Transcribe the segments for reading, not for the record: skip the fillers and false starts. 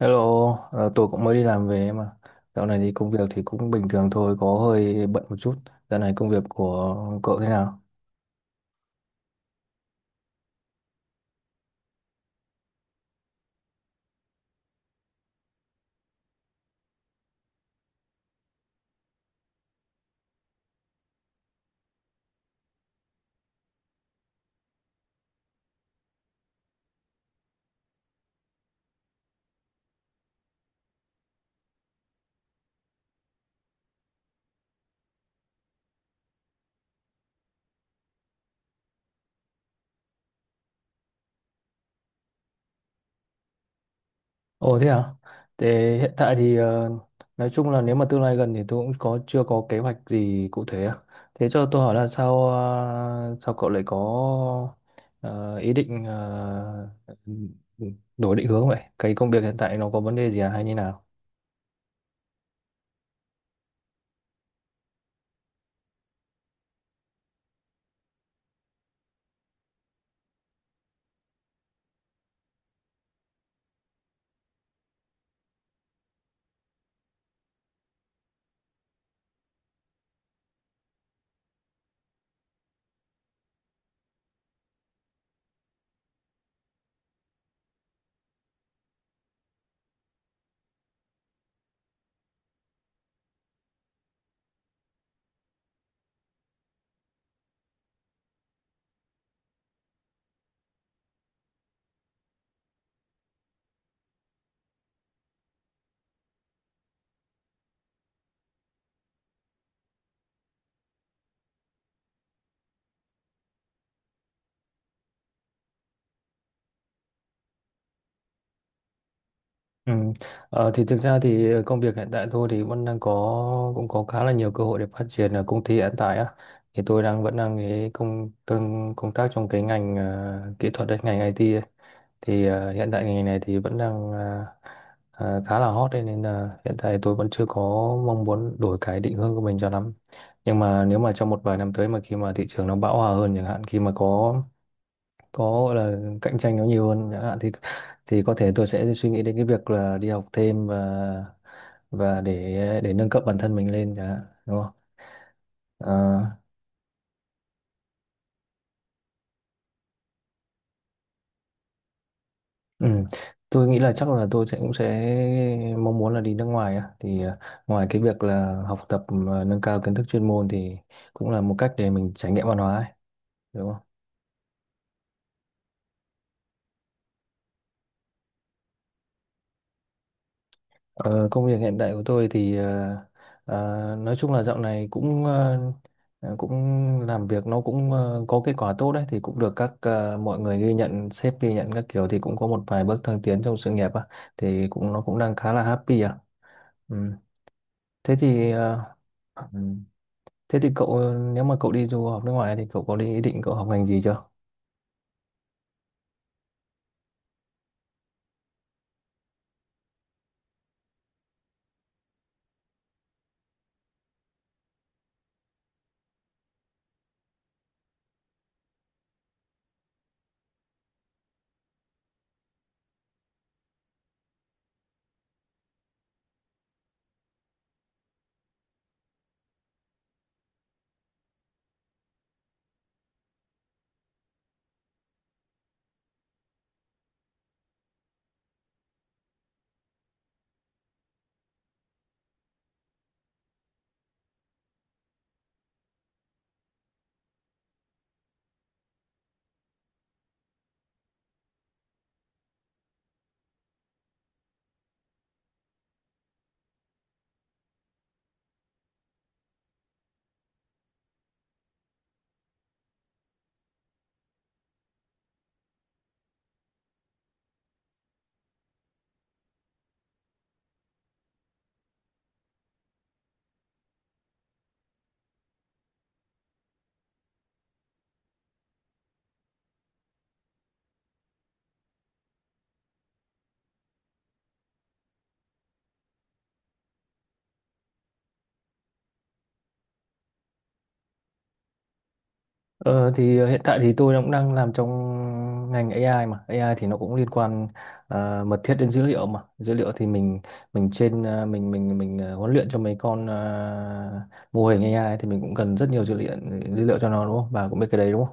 Hello, tôi cũng mới đi làm về mà. Dạo này thì công việc thì cũng bình thường thôi, có hơi bận một chút. Dạo này công việc của cậu thế nào? Ồ thế à? Thế hiện tại thì nói chung là nếu mà tương lai gần thì tôi cũng có chưa có kế hoạch gì cụ thể á. Thế cho tôi hỏi là sao cậu lại có ờ, ý định đổi định hướng vậy? Cái công việc hiện tại nó có vấn đề gì à hay như nào? Ừ. Thì thực ra thì công việc hiện tại tôi thì vẫn đang có cũng có khá là nhiều cơ hội để phát triển ở công ty hiện tại á, thì tôi vẫn đang cái công tác trong cái ngành kỹ thuật đấy, ngành IT ấy. Thì hiện tại ngành này thì vẫn đang ờ, ờ, khá là hot đấy, nên là hiện tại tôi vẫn chưa có mong muốn đổi cái định hướng của mình cho lắm. Nhưng mà nếu mà trong một vài năm tới mà khi mà thị trường nó bão hòa hơn chẳng hạn, khi mà có gọi là cạnh tranh nó nhiều hơn chẳng hạn thì có thể tôi sẽ suy nghĩ đến cái việc là đi học thêm, và để nâng cấp bản thân mình lên chẳng hạn, đúng không? Ờ, ừ. Tôi nghĩ là chắc là tôi cũng sẽ mong muốn là đi nước ngoài á, thì ngoài cái việc là học tập, nâng cao kiến thức chuyên môn thì cũng là một cách để mình trải nghiệm văn hóa ấy, đúng không? Ờ, Công việc hiện tại của tôi thì nói chung là dạo này cũng cũng làm việc nó cũng có kết quả tốt đấy, thì cũng được mọi người ghi nhận, sếp ghi nhận các kiểu, thì cũng có một vài bước thăng tiến trong sự nghiệp á, thì nó cũng đang khá là happy à, ừ. Thế thì ờ, ừ. thế thì cậu ờ, nếu mà cậu đi du học nước ngoài thì cậu có ý định cậu học ngành gì chưa? Hiện tại thì tôi cũng đang làm trong ngành AI, mà AI thì nó cũng liên quan mật thiết đến dữ liệu, mà dữ liệu thì mình trên ờ, mình ờ, huấn luyện cho mấy con mô hình AI thì mình cũng cần rất nhiều dữ liệu cho nó, đúng không? Bà cũng biết cái đấy, đúng?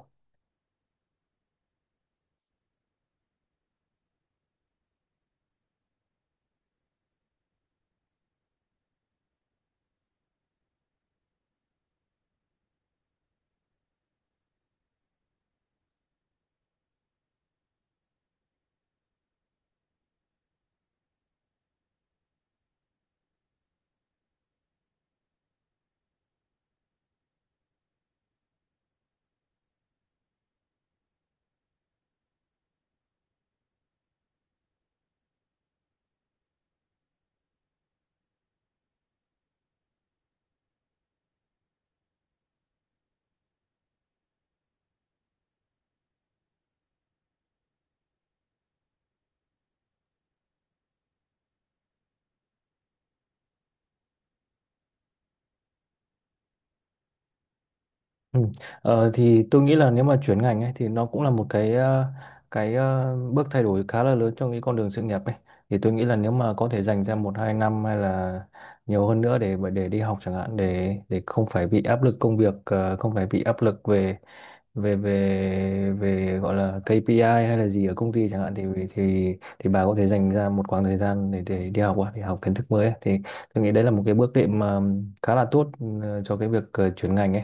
Ừ. Thì tôi nghĩ là nếu mà chuyển ngành ấy thì nó cũng là một cái bước thay đổi khá là lớn trong cái con đường sự nghiệp ấy. Thì tôi nghĩ là nếu mà có thể dành ra một hai năm hay là nhiều hơn nữa để đi học chẳng hạn, để không phải bị áp lực công việc, không phải bị áp lực về về về về gọi là KPI hay là gì ở công ty chẳng hạn, thì thì bà có thể dành ra một khoảng thời gian để đi học á, để học kiến thức mới ấy. Thì tôi nghĩ đấy là một cái bước đệm mà khá là tốt cho cái việc chuyển ngành ấy.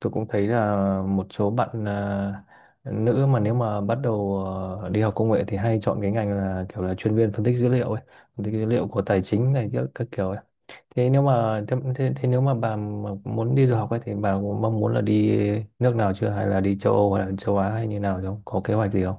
Tôi cũng thấy là một số bạn nữ mà nếu mà bắt đầu đi học công nghệ thì hay chọn cái ngành là kiểu là chuyên viên phân tích dữ liệu ấy, phân tích dữ liệu của tài chính này, các kiểu ấy. Thế nếu mà thế, thế, thế nếu mà bà mà muốn đi du học ấy thì bà có mong muốn là đi nước nào chưa, hay là đi châu Âu hay là châu Á hay như nào không? Có kế hoạch gì không?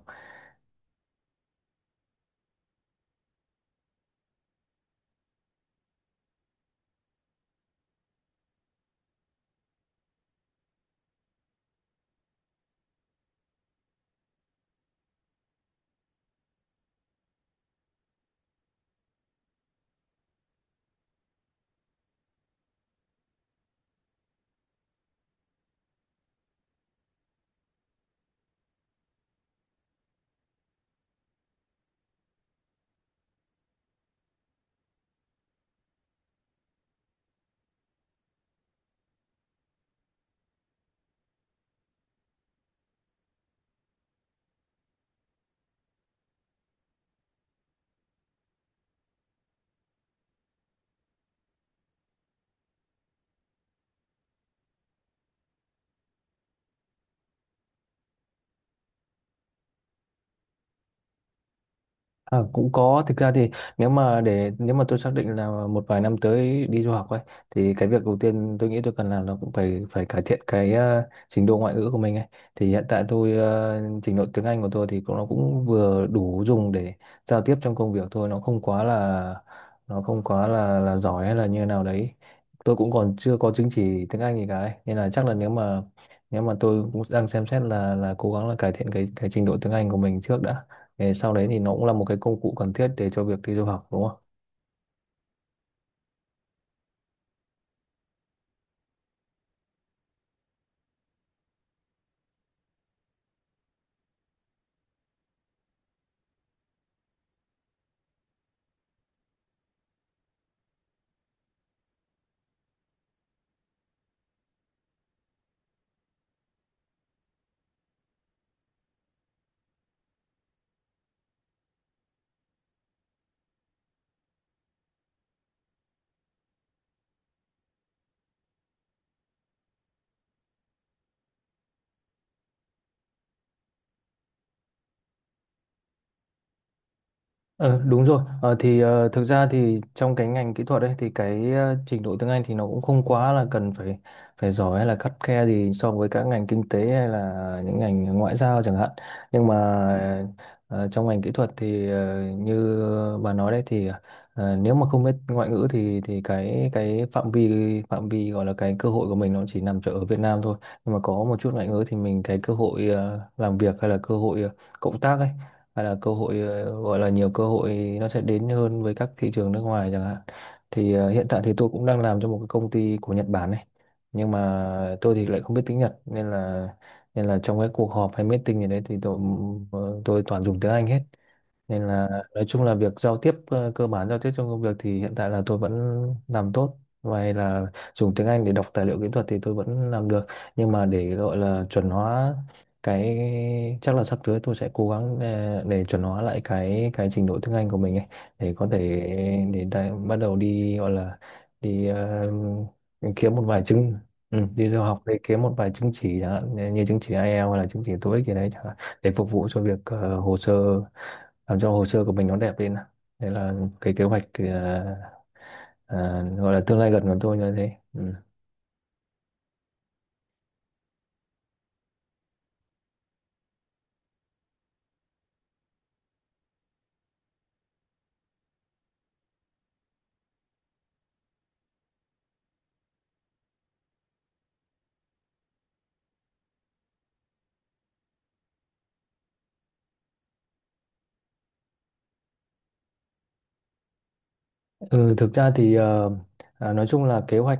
À, cũng có. Thực ra thì nếu mà tôi xác định là một vài năm tới đi du học ấy thì cái việc đầu tiên tôi nghĩ tôi cần làm là cũng phải phải cải thiện cái trình độ ngoại ngữ của mình ấy. Thì hiện tại trình độ tiếng Anh của tôi thì nó cũng vừa đủ dùng để giao tiếp trong công việc thôi, nó không quá là giỏi hay là như nào đấy. Tôi cũng còn chưa có chứng chỉ tiếng Anh gì cả ấy. Nên là chắc là nếu mà tôi cũng đang xem xét là cố gắng là cải thiện cái trình độ tiếng Anh của mình trước đã. Thế sau đấy thì nó cũng là một cái công cụ cần thiết để cho việc đi du học, đúng không? Ờ, Đúng rồi. Thực ra thì trong cái ngành kỹ thuật ấy thì cái trình độ tiếng Anh thì nó cũng không quá là cần phải phải giỏi hay là khắt khe gì so với các ngành kinh tế hay là những ngành ngoại giao chẳng hạn. Nhưng mà ờ, trong ngành kỹ thuật thì như bà nói đấy thì nếu mà không biết ngoại ngữ thì cái phạm vi gọi là cái cơ hội của mình nó chỉ nằm chỗ ở Việt Nam thôi. Nhưng mà có một chút ngoại ngữ thì mình cái cơ hội làm việc hay là cơ hội cộng tác ấy hay là cơ hội, gọi là, nhiều cơ hội nó sẽ đến hơn với các thị trường nước ngoài chẳng hạn. Thì hiện tại thì tôi cũng đang làm cho một cái công ty của Nhật Bản này, nhưng mà tôi thì lại không biết tiếng Nhật, nên là trong cái cuộc họp hay meeting gì đấy thì tôi toàn dùng tiếng Anh hết, nên là nói chung là việc giao tiếp cơ bản, giao tiếp trong công việc thì hiện tại là tôi vẫn làm tốt. Ngoài là dùng tiếng Anh để đọc tài liệu kỹ thuật thì tôi vẫn làm được, nhưng mà để gọi là chuẩn hóa cái chắc là sắp tới tôi sẽ cố gắng để chuẩn hóa lại cái trình độ tiếng Anh của mình ấy, để có thể, bắt đầu đi gọi là đi kiếm một vài chứng ừ, đi du học để kiếm một vài chứng chỉ chẳng hạn, như như chứng chỉ IELTS hay là chứng chỉ TOEIC gì đấy chẳng hạn, để phục vụ cho việc hồ sơ, làm cho hồ sơ của mình nó đẹp lên. Đấy là cái kế hoạch, ờ, gọi là tương lai gần của tôi như thế, ừ. Ừ, thực ra thì nói chung là kế hoạch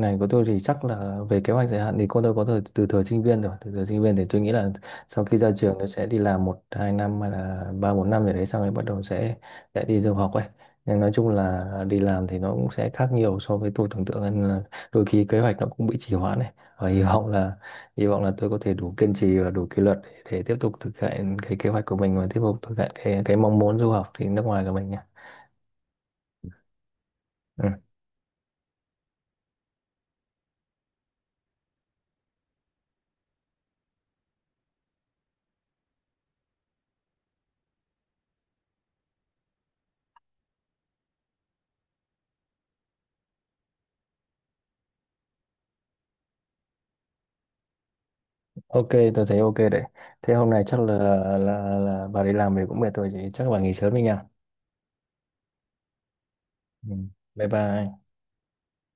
này của tôi thì chắc là về kế hoạch dài hạn thì cô tôi có từ từ thời sinh viên rồi, từ thời sinh viên thì tôi nghĩ là sau khi ra trường tôi sẽ đi làm một hai năm hay là ba bốn năm gì đấy, xong rồi bắt đầu sẽ đi du học ấy. Nhưng nói chung là đi làm thì nó cũng sẽ khác nhiều so với tôi tưởng tượng, nên là đôi khi kế hoạch nó cũng bị trì hoãn này, và hy vọng là tôi có thể đủ kiên trì và đủ kỷ luật để tiếp tục thực hiện cái kế hoạch của mình và tiếp tục thực hiện cái mong muốn du học thì nước ngoài của mình nhé. Ok, tôi thấy ok đấy. Thế hôm nay chắc là bà đi làm về cũng mệt rồi chị, chắc là bà nghỉ sớm đi nha. Ừ. Bye bye.